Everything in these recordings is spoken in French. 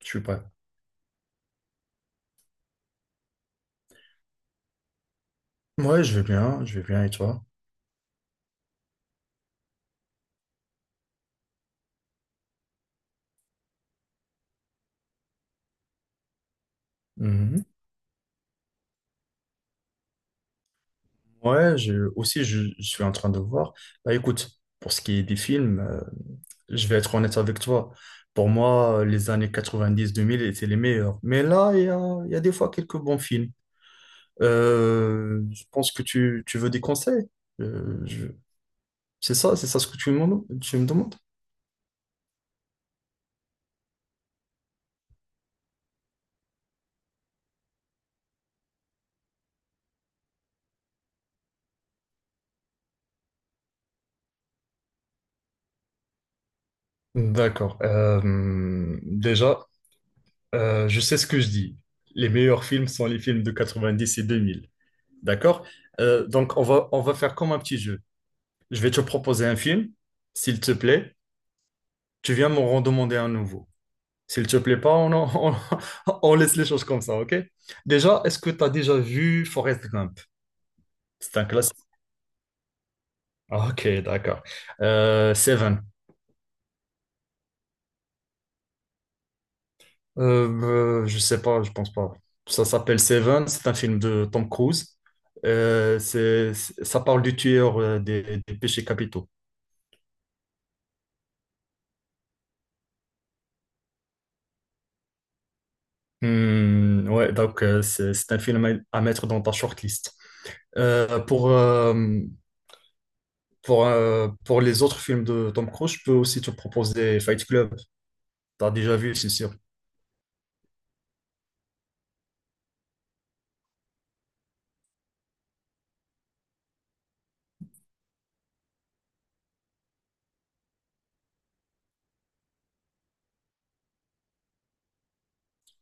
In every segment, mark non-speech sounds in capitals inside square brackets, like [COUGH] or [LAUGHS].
Je suis prêt. Ouais, je vais bien et toi? Mhm. Ouais, aussi, je suis en train de voir. Bah écoute, pour ce qui est des films, je vais être honnête avec toi. Pour moi, les années 90-2000 étaient les meilleures. Mais là, il y a des fois quelques bons films. Je pense que tu veux des conseils. Euh, je- c'est ça, ce que tu me demandes? D'accord. Déjà, je sais ce que je dis. Les meilleurs films sont les films de 90 et 2000. D'accord? Donc, on va faire comme un petit jeu. Je vais te proposer un film, s'il te plaît. Tu viens m'en redemander un nouveau. S'il te plaît pas, [LAUGHS] on laisse les choses comme ça, ok? Déjà, est-ce que tu as déjà vu Forrest Gump? C'est un classique. Ok, d'accord. Seven. Je sais pas, je pense pas. Ça s'appelle Seven, c'est un film de Tom Cruise. Ça parle du tueur, des péchés capitaux. Hmm, ouais, donc, c'est un film à mettre dans ta shortlist. Euh, pour, euh, pour les autres films de Tom Cruise, je peux aussi te proposer Fight Club. T'as déjà vu, c'est sûr.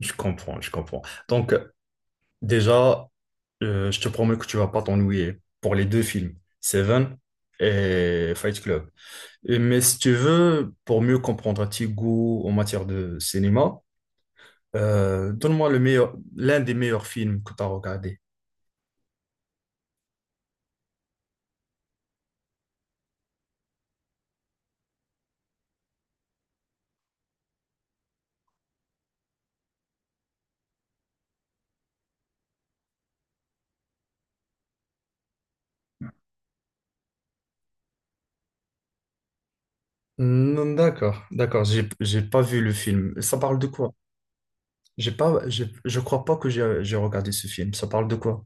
Je comprends, je comprends. Donc, déjà, je te promets que tu vas pas t'ennuyer pour les deux films, Seven et Fight Club. Mais si tu veux, pour mieux comprendre tes goûts en matière de cinéma, donne-moi l'un des meilleurs films que tu as regardé. Hmm, d'accord, d'accord, j'ai pas vu le film. Ça parle de quoi? J'ai pas, j'ai- Je crois pas que j'ai regardé ce film. Ça parle de quoi?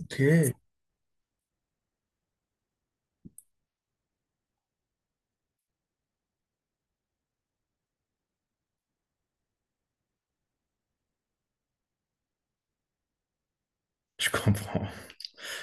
Ok, je comprends.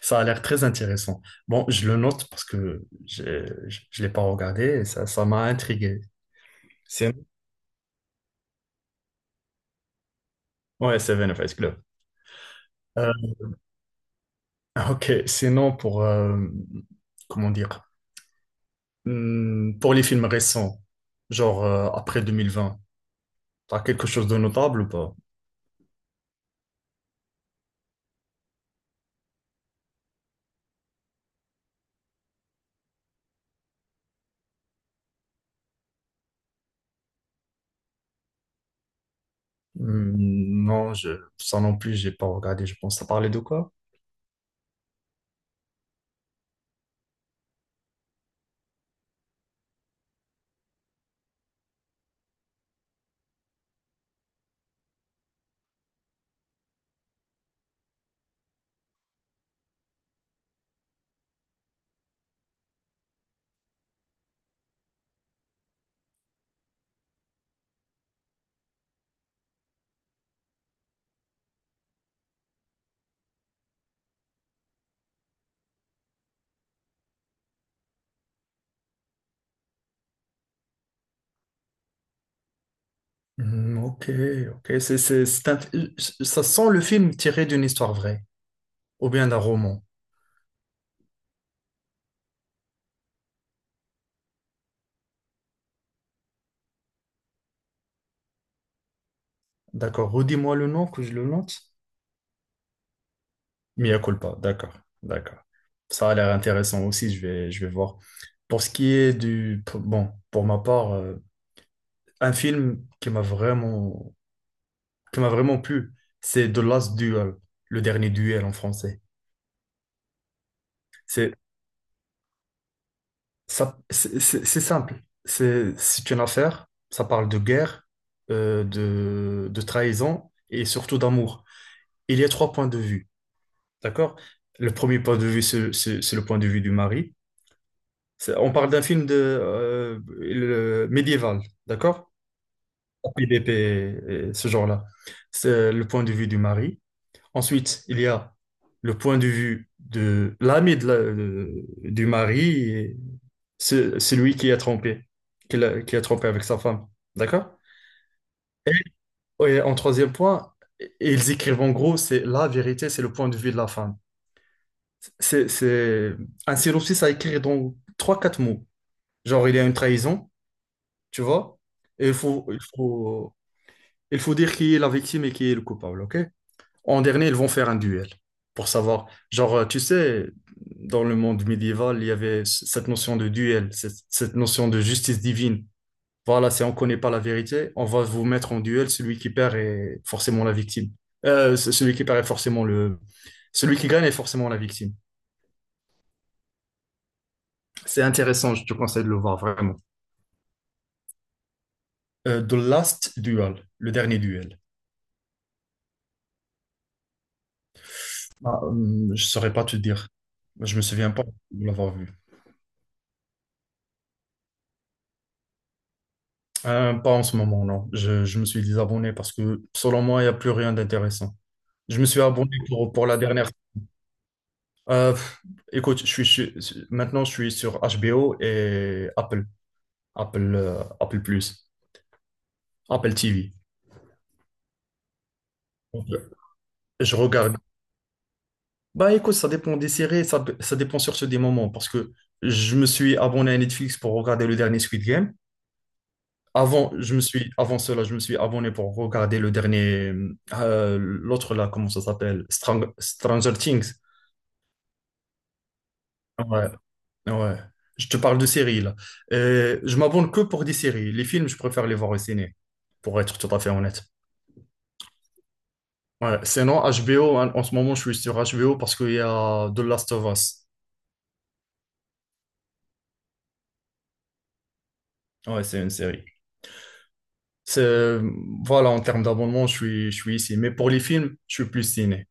Ça a l'air très intéressant. Bon, je le note parce que je ne l'ai pas regardé et ça m'a intrigué. C'est... Ouais, Seven of Us Club. Euh, ok, sinon comment dire, pour les films récents, genre, après 2020. T'as quelque chose de notable ou pas? Hmm, non, ça non plus, j'ai pas regardé. Je pense, ça parlait de quoi? Hmm, ok, ok. Ça sent le film tiré d'une histoire vraie ou bien d'un roman. D'accord. Redis-moi le nom que je le note. Mia culpa, d'accord, d'accord. Ça a l'air intéressant aussi, je vais voir. Pour ce qui est du... pour- Bon, pour ma part, un film qui m'a vraiment, plu, c'est The Last Duel, le dernier duel en français. C'est ça, c'est simple. C'est une affaire, ça parle de guerre, de trahison et surtout d'amour. Il y a trois points de vue, d'accord? Le premier point de vue, c'est le point de vue du mari. On parle d'un film de médiéval, d'accord? PDP, et ce genre-là. C'est le point de vue du mari. Ensuite, il y a le point de vue de l'ami du mari, et celui qui a trompé, qui a trompé avec sa femme, d'accord? Et en troisième point, ils écrivent en gros, c'est la vérité, c'est le point de vue de la femme. C'est c'est- un synopsis à écrire dans trois, quatre mots. Genre, il y a une trahison. Tu vois? Et il faut dire qui est la victime et qui est le coupable, ok? En dernier, ils vont faire un duel pour savoir. Genre, tu sais, dans le monde médiéval, il y avait cette notion de duel, cette notion de justice divine. Voilà, si on ne connaît pas la vérité, on va vous mettre en duel. Celui qui perd est forcément la victime. Euh, c- celui qui perd est forcément le... Celui qui gagne est forcément la victime. C'est intéressant, je te conseille de le voir vraiment. The Last Duel, le dernier duel. Ah, je saurais pas te dire. Je me souviens pas de l'avoir vu. Pas en ce moment, non. Je me suis désabonné parce que selon moi, il n'y a plus rien d'intéressant. Je me suis abonné pour la dernière. Pff, écoute, maintenant je suis sur HBO et Apple, Apple Plus, Apple TV. Donc, je regarde. Bah écoute, ça dépend des séries, ça dépend surtout des moments parce que je me suis abonné à Netflix pour regarder le dernier Squid Game. Avant, avant cela, je me suis abonné pour regarder le dernier, l'autre là, comment ça s'appelle? Stranger Things. Ouais, ouais. Je te parle de séries là. Je m'abonne que pour des séries. Les films, je préfère les voir au ciné, pour être tout à fait honnête. Ouais, sinon, HBO, hein, en ce moment, je suis sur HBO parce qu'il y a The Last of Us. Ouais, c'est une série. C'est, voilà, en termes d'abonnement, je suis ici. Mais pour les films, je suis plus ciné.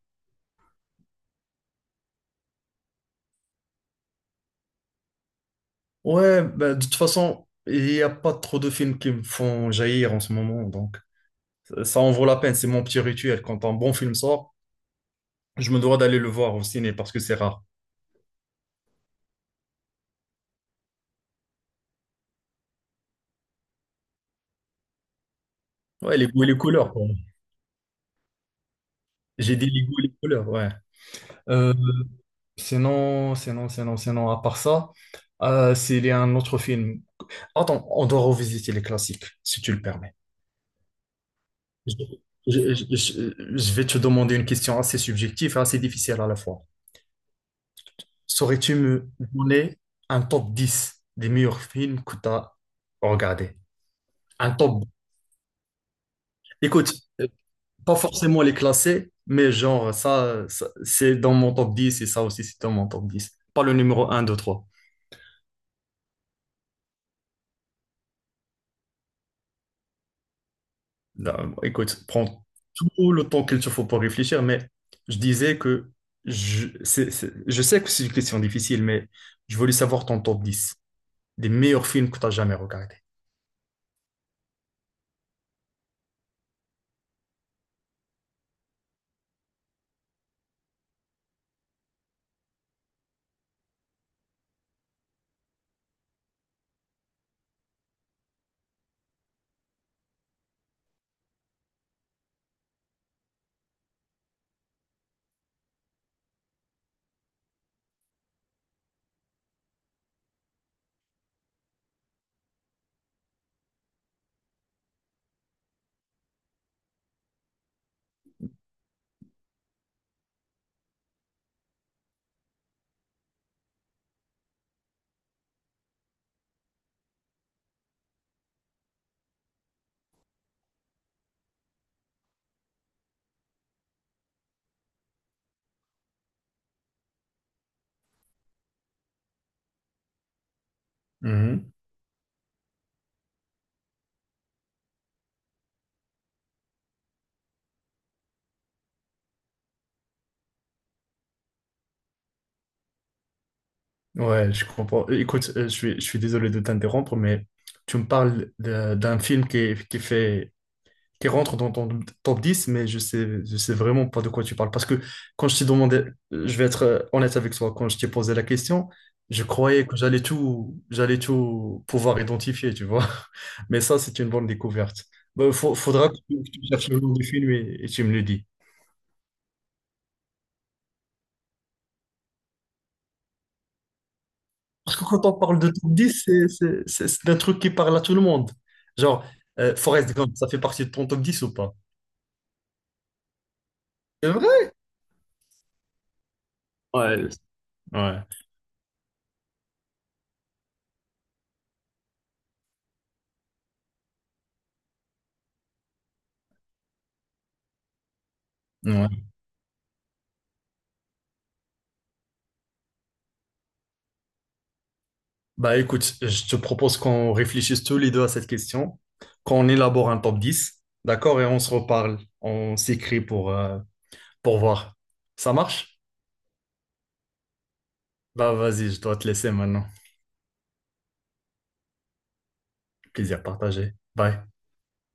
Ouais, ben, de toute façon, il n'y a pas trop de films qui me font jaillir en ce moment, donc ça en vaut la peine, c'est mon petit rituel. Quand un bon film sort, je me dois d'aller le voir au ciné parce que c'est rare. Ouais, les goûts et les couleurs, quoi. J'ai dit les goûts et les couleurs, ouais. Euh, sinon, à part ça, s'il y a un autre film. Attends, on doit revisiter les classiques, si tu le permets. Je, je vais te demander une question assez subjective et assez difficile à la fois. Saurais-tu me donner un top 10 des meilleurs films que tu as regardés? Un top. Écoute, euh, pas forcément les classer, mais genre, c'est dans mon top 10 et ça aussi, c'est dans mon top 10. Pas le numéro un, 2, 3. Là, écoute, prends tout le temps qu'il te faut pour réfléchir, mais je disais que je sais que c'est une question difficile, mais je voulais savoir ton top 10 des meilleurs films que tu as jamais regardés. Ouais, je comprends. Écoute, je suis désolé de t'interrompre, mais tu me parles d'un film qui, est- qui fait, qui rentre dans ton top 10, mais je sais vraiment pas de quoi tu parles. Parce que quand je t'ai demandé, je vais être honnête avec toi, quand je t'ai posé la question, je croyais que j'allais tout pouvoir identifier, tu vois. [LAUGHS] Mais ça, c'est une bonne découverte. Il faudra que tu cherches le nom du film et tu me le dis. Quand on parle de top 10, c'est un truc qui parle à tout le monde. Genre, Forrest Gump, ça fait partie de ton top 10 ou pas? C'est vrai? Ouais, ouais. Ouais. Bah écoute, je te propose qu'on réfléchisse tous les deux à cette question, qu'on élabore un top 10, d'accord? Et on se reparle, on s'écrit pour voir. Ça marche? Bah vas-y, je dois te laisser maintenant. Plaisir partagé. Bye.